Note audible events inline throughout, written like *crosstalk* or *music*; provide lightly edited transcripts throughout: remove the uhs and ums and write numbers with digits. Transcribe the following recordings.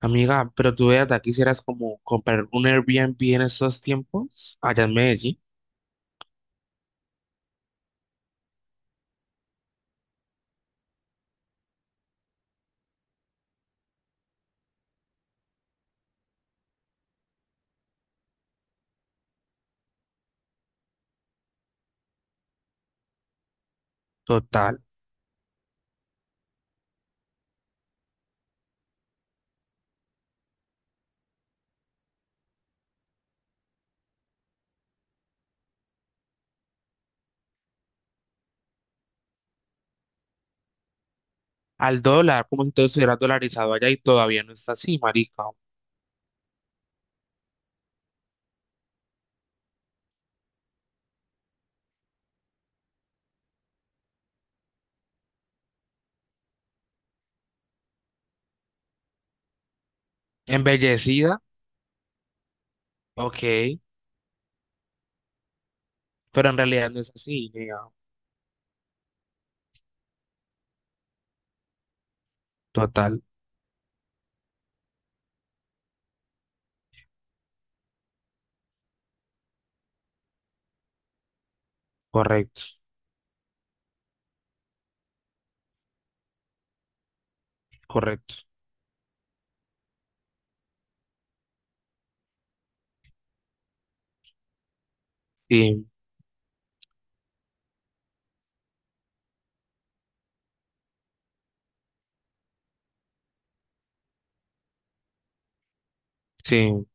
Amiga, pero tú veas, de aquí quisieras como comprar un Airbnb en estos tiempos, allá en Medellín, total, al dólar, como si todo estuviera dolarizado allá y todavía no está así, marica. Embellecida, ok, pero en realidad no es así, nega. Total, correcto, correcto. Sí, sí.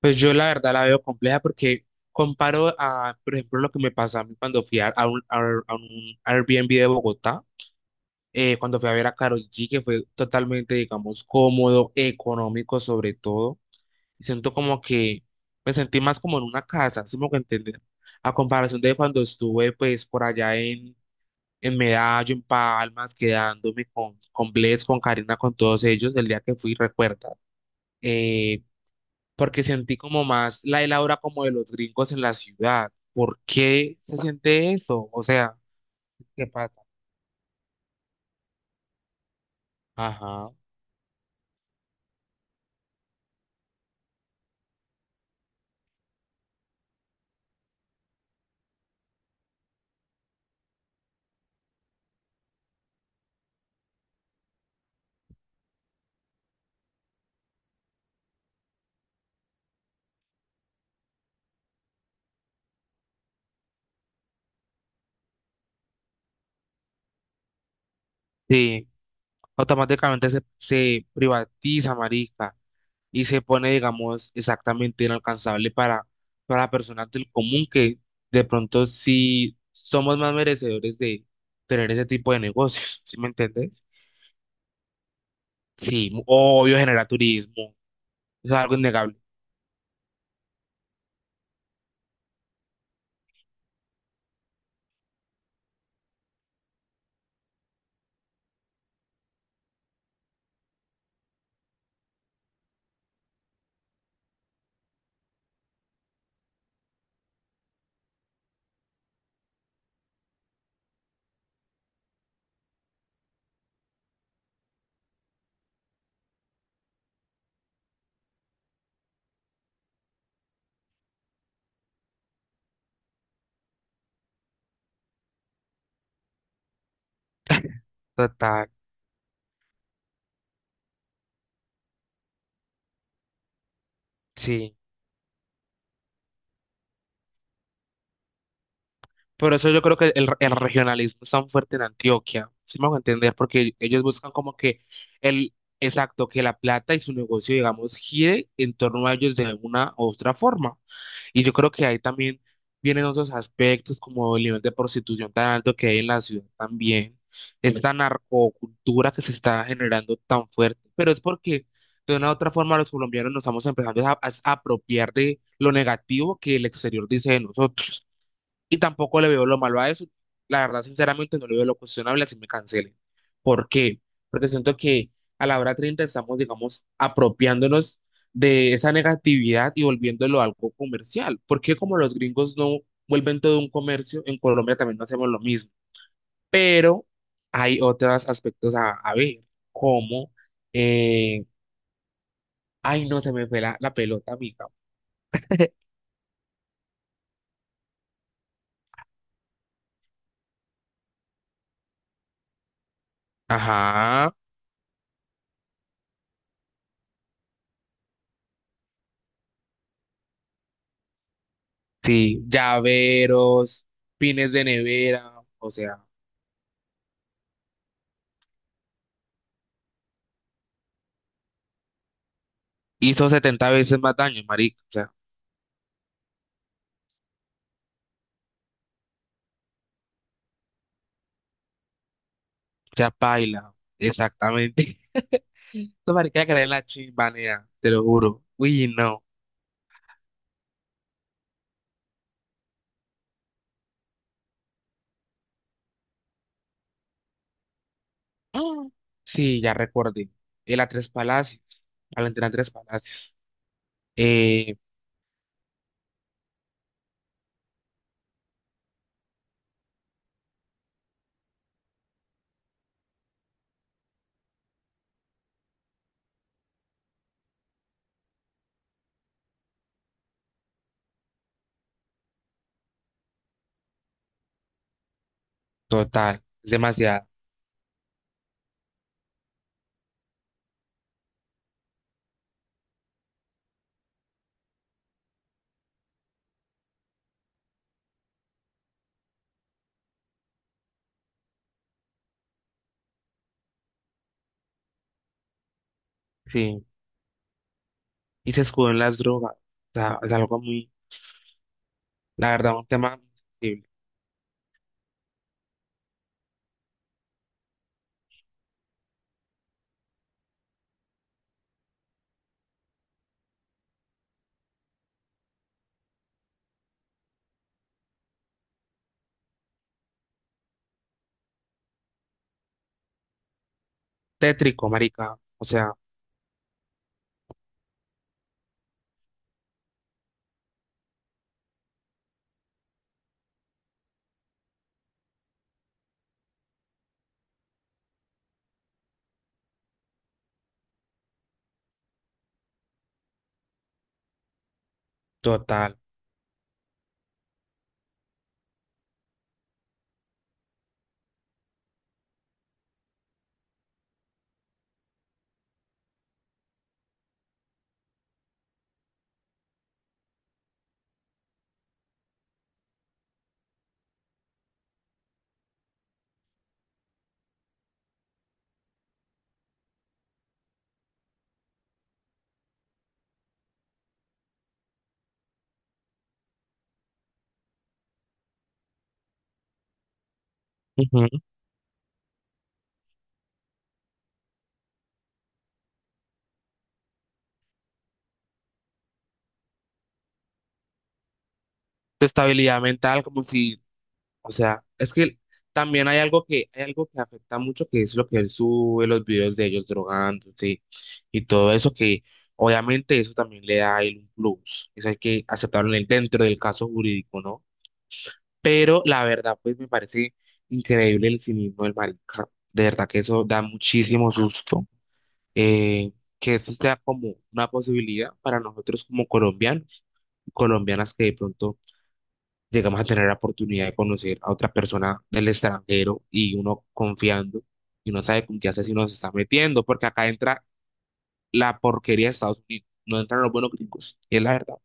Pues yo la verdad la veo compleja porque comparo a, por ejemplo, lo que me pasó a mí cuando fui a un Airbnb de Bogotá. Cuando fui a ver a Karol G, que fue totalmente, digamos, cómodo, económico sobre todo. Y siento como que me sentí más como en una casa, si me que entender. A comparación de cuando estuve, pues, por allá en Medallo, en Palmas, quedándome con Bless, con Karina, con todos ellos, el día que fui, recuerda. Eh, Porque sentí como más la el aura como de los gringos en la ciudad. ¿Por qué se siente eso? O sea, ¿qué pasa? Ajá. Sí. Automáticamente se privatiza, marica, y se pone, digamos, exactamente inalcanzable para personas del común que de pronto sí somos más merecedores de tener ese tipo de negocios, *laughs* ¿sí me entiendes? Sí, mu- obvio genera turismo, eso es algo innegable. Total, sí. Por eso yo creo que el regionalismo es tan fuerte en Antioquia. Sí me a entender, porque ellos buscan como que el exacto, que la plata y su negocio, digamos, gire en torno a ellos de una u otra forma. Y yo creo que ahí también vienen otros aspectos como el nivel de prostitución tan alto que hay en la ciudad también. Esta narcocultura que se está generando tan fuerte, pero es porque de una u otra forma los colombianos nos estamos empezando a apropiar de lo negativo que el exterior dice de nosotros. Y tampoco le veo lo malo a eso. La verdad, sinceramente, no le veo lo cuestionable así me cancelen. ¿Por qué? Porque siento que a la hora 30 estamos, digamos, apropiándonos de esa negatividad y volviéndolo algo comercial. Porque como los gringos no vuelven todo un comercio, en Colombia también no hacemos lo mismo. Pero hay otros aspectos a ver, como, eh, ay, no, se me fue la pelota, amiga. Ajá, sí, llaveros, pines de nevera. O sea, hizo 70 veces más daño, marica. O sea, ya paila. Exactamente. *laughs* No, marica, que le den la chimbanea, te lo juro. Uy, no. Ah, sí, ya recordé. El a tres palacios. Valentina tres palacios. Eh, Total. Es demasiado. Sí. Y se escudó en las drogas. O sea, es algo muy, la verdad, un tema muy sensible. Tétrico, marica. O sea, total. Ujú. Tu estabilidad mental, como si. O sea, es que también hay algo que afecta mucho, que es lo que él sube, los videos de ellos drogándose y todo eso, que obviamente eso también le da a él un plus. Eso hay que aceptarlo en el- dentro del caso jurídico, ¿no? Pero la verdad, pues me parece increíble el cinismo del marica. De verdad que eso da muchísimo susto. Eh, que eso sea como una posibilidad para nosotros como colombianos, colombianas que de pronto llegamos a tener la oportunidad de conocer a otra persona del extranjero y uno confiando y uno sabe con qué asesino se está metiendo, porque acá entra la porquería de Estados Unidos, no entran los buenos gringos, y es la verdad.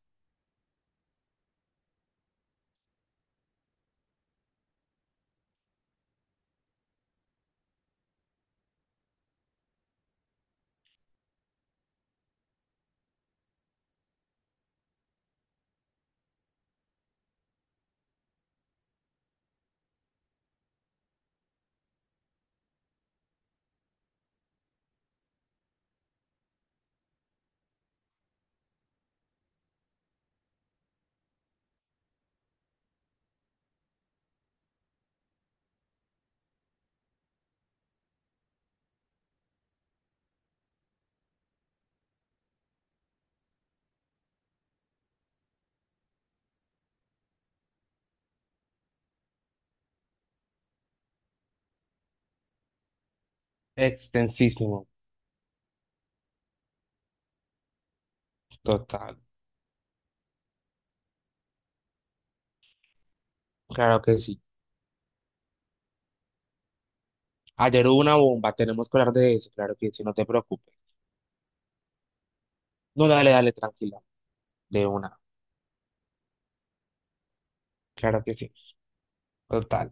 Extensísimo, total, claro que sí. Ayer hubo una bomba, tenemos que hablar de eso, claro que sí, no te preocupes. No, dale, dale, tranquila, de una, claro que sí, total.